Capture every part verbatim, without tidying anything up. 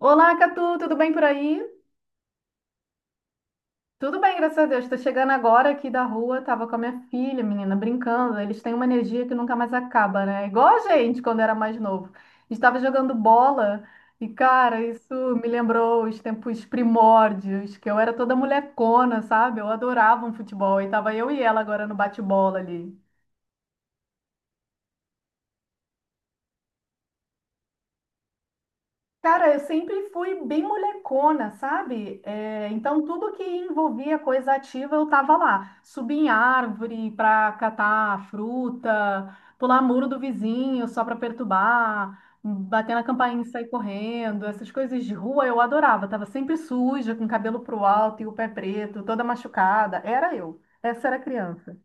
Olá, Catu, tudo bem por aí? Tudo bem, graças a Deus. Tô chegando agora aqui da rua, tava com a minha filha, menina, brincando. Eles têm uma energia que nunca mais acaba, né? Igual a gente quando era mais novo. A gente tava jogando bola e, cara, isso me lembrou os tempos primórdios, que eu era toda molecona, sabe? Eu adorava um futebol e tava eu e ela agora no bate-bola ali. Cara, eu sempre fui bem molecona, sabe? É, então, tudo que envolvia coisa ativa, eu tava lá. Subir em árvore para catar fruta, pular muro do vizinho só para perturbar, bater na campainha e sair correndo. Essas coisas de rua eu adorava. Tava sempre suja, com o cabelo pro alto e o pé preto, toda machucada. Era eu. Essa era a criança.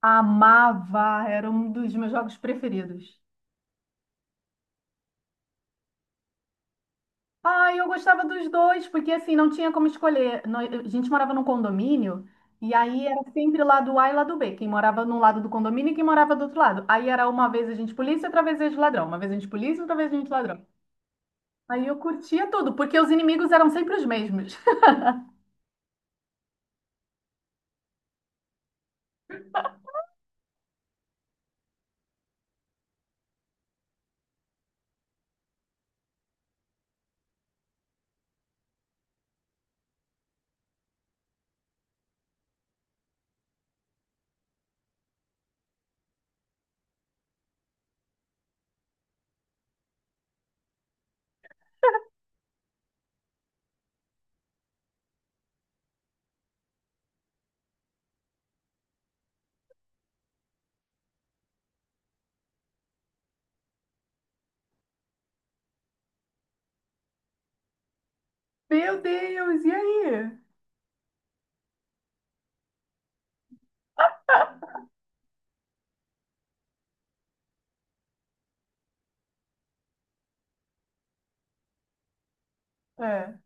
Amava, era um dos meus jogos preferidos. Ah, eu gostava dos dois, porque assim, não tinha como escolher. Nó- A gente morava num condomínio, e aí era sempre lado A e lado B. Quem morava num lado do condomínio e quem morava do outro lado. Aí era uma vez a gente polícia, outra vez a gente ladrão. Uma vez a gente polícia, outra vez a gente ladrão. Aí eu curtia tudo, porque os inimigos eram sempre os mesmos. Meu Deus, e aí? É.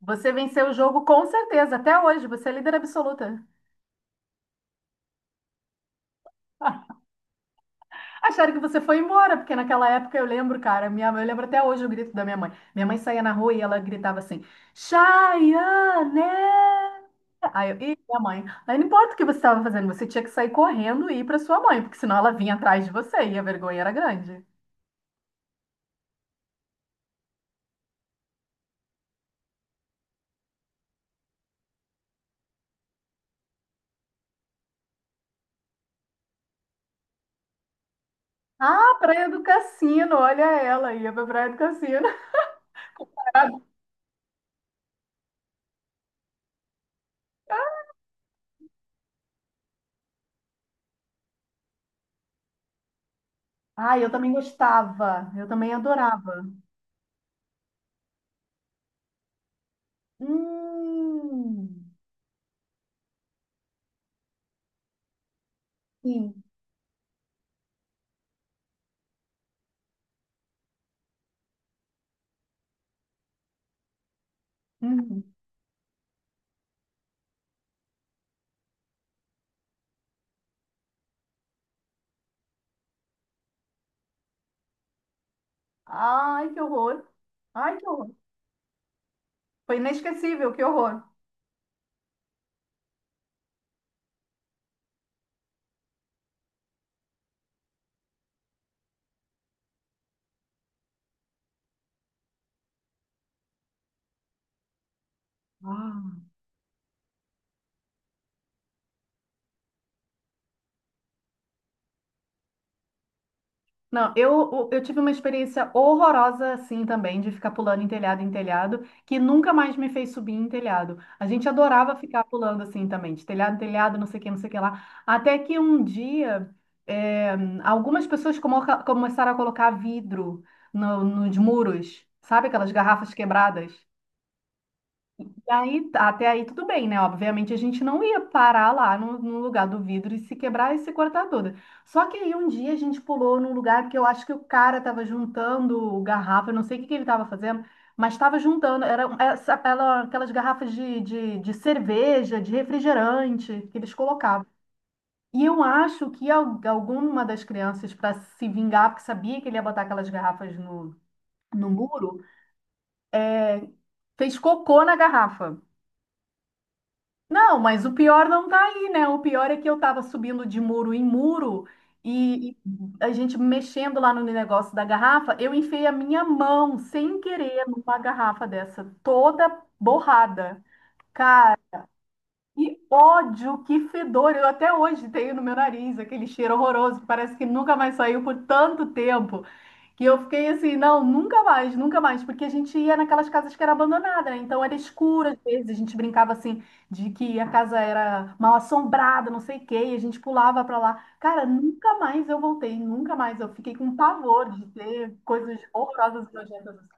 Você venceu o jogo com certeza, até hoje, você é líder absoluta. Acharam que você foi embora, porque naquela época eu lembro, cara, minha mãe, eu lembro até hoje o grito da minha mãe. Minha mãe saía na rua e ela gritava assim: Chayane! Aí eu, e minha mãe, aí não importa o que você estava fazendo, você tinha que sair correndo e ir para sua mãe, porque senão ela vinha atrás de você e a vergonha era grande. Ah, Praia do Cassino, olha ela, ia pra Praia do Cassino. Ah, eu também gostava, eu também adorava. Hum, sim. Uhum. Ai, que horror. Ai, que horror. Foi inesquecível, que horror. Ah. Não, eu, eu tive uma experiência horrorosa assim também, de ficar pulando em telhado em telhado, que nunca mais me fez subir em telhado. A gente adorava ficar pulando assim também, de telhado em telhado, não sei o que, não sei o que lá. Até que um dia, eh, algumas pessoas comoca- começaram a colocar vidro no- nos muros, sabe aquelas garrafas quebradas? E aí até aí tudo bem, né? Obviamente a gente não ia parar lá no, no lugar do vidro e se quebrar e se cortar toda. Só que aí um dia a gente pulou num lugar que eu acho que o cara tava juntando garrafa, eu não sei o que que ele tava fazendo, mas tava juntando, era um, essa, ela- aquelas garrafas de, de, de cerveja, de refrigerante que eles colocavam. E eu acho que al- alguma das crianças, para se vingar, porque sabia que ele ia botar aquelas garrafas no, no muro, fez cocô na garrafa. Não, mas o pior não tá aí, né? O pior é que eu tava subindo de muro em muro e, e a gente mexendo lá no negócio da garrafa, eu enfiei a minha mão sem querer numa garrafa dessa, toda borrada. E ódio, que fedor! Eu até hoje tenho no meu nariz aquele cheiro horroroso que parece que nunca mais saiu por tanto tempo. Que eu fiquei assim, não, nunca mais, nunca mais, porque a gente ia naquelas casas que era abandonada, né? Então era escuro às vezes, a gente brincava assim de que a casa era mal assombrada, não sei o quê, e a gente pulava pra lá. Cara, nunca mais eu voltei, nunca mais. Eu fiquei com pavor de ter coisas horrorosas e nojentas. Assim.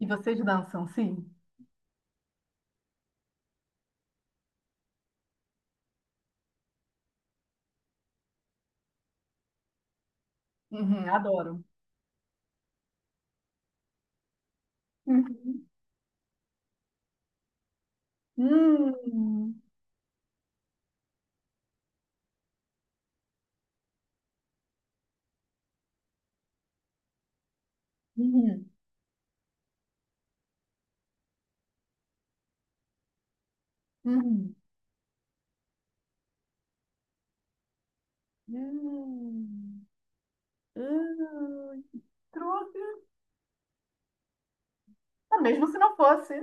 E vocês dançam, sim? Uhum, adoro. Uhum. Hum. Uhum. Uhum. Hum. Hum. Trouxe. Ah, mesmo se não fosse.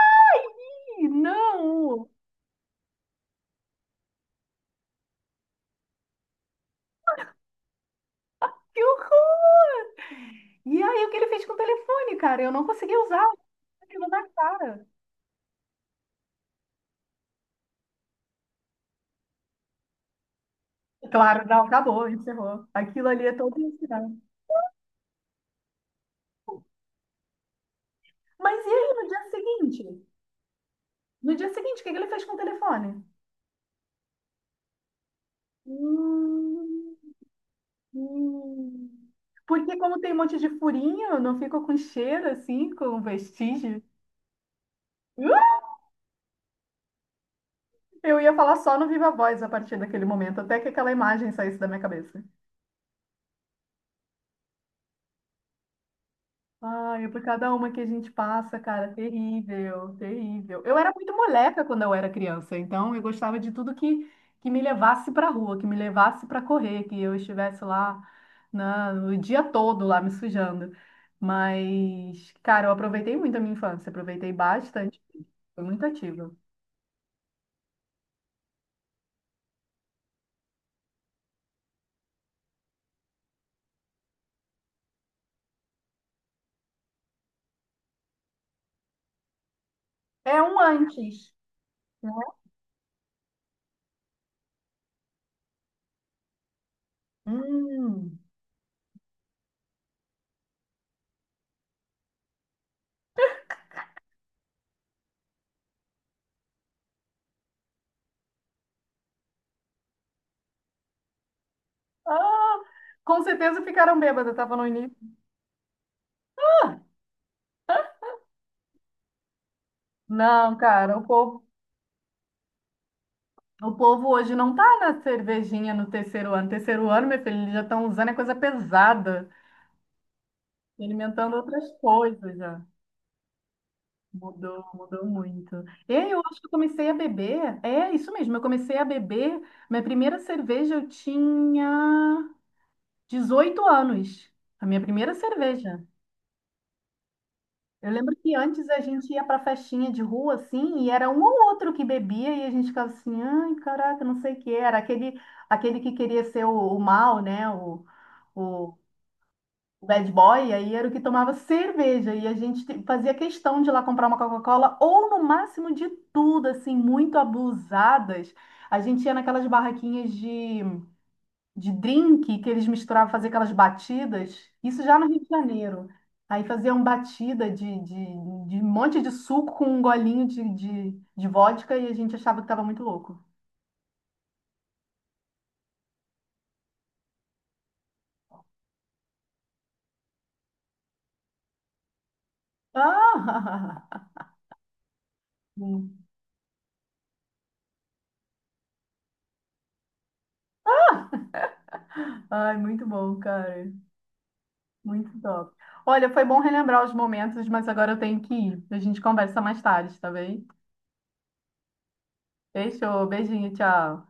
Ai, não! Que horror! E aí, o que ele fez com o telefone, cara? Eu não consegui usar aquilo na cara. Claro, não, acabou, encerrou. Aquilo ali é todo ensinado. Mas e aí, no dia seguinte? No dia seguinte, o que que ele fez com o telefone? Hum, hum. Porque como tem um monte de furinho, não fica com cheiro, assim, com vestígio. Eu ia falar só no Viva Voz a partir daquele momento, até que aquela imagem saísse da minha cabeça. Ai, é por cada uma que a gente passa, cara, terrível, terrível. Eu era muito moleca quando eu era criança, então eu gostava de tudo que, que me levasse pra rua, que me levasse pra correr, que eu estivesse lá na, o dia todo lá me sujando. Mas, cara, eu aproveitei muito a minha infância, aproveitei bastante, foi muito ativa. É um antes. Hum. Ah, com certeza ficaram bêbadas, estava no início. Ah, não, cara, o povo, o povo hoje não tá na cervejinha no terceiro ano. Terceiro ano, meu filho, eles já estão usando é coisa pesada, alimentando outras coisas já. Mudou, mudou muito. E aí, eu acho que eu comecei a beber. É isso mesmo, eu comecei a beber. Minha primeira cerveja eu tinha dezoito anos. A minha primeira cerveja. Eu lembro que antes a gente ia para festinha de rua, assim, e era um ou outro que bebia, e a gente ficava assim, ai, caraca, não sei o que. Era aquele, aquele que queria ser o, o mal, né? O, o, o bad boy, aí era o que tomava cerveja. E a gente te- fazia questão de ir lá comprar uma Coca-Cola, ou no máximo de tudo, assim, muito abusadas. A gente ia naquelas barraquinhas de de drink que eles misturavam, fazer aquelas batidas, isso já no Rio de Janeiro. Aí faziam batida de, de, de um monte de suco com um golinho de, de, de vodka e a gente achava que estava muito louco. Ah! Hum. Ai, muito bom, cara. Muito top. Olha, foi bom relembrar os momentos, mas agora eu tenho que ir. A gente conversa mais tarde, tá bem? Fechou, beijinho, tchau.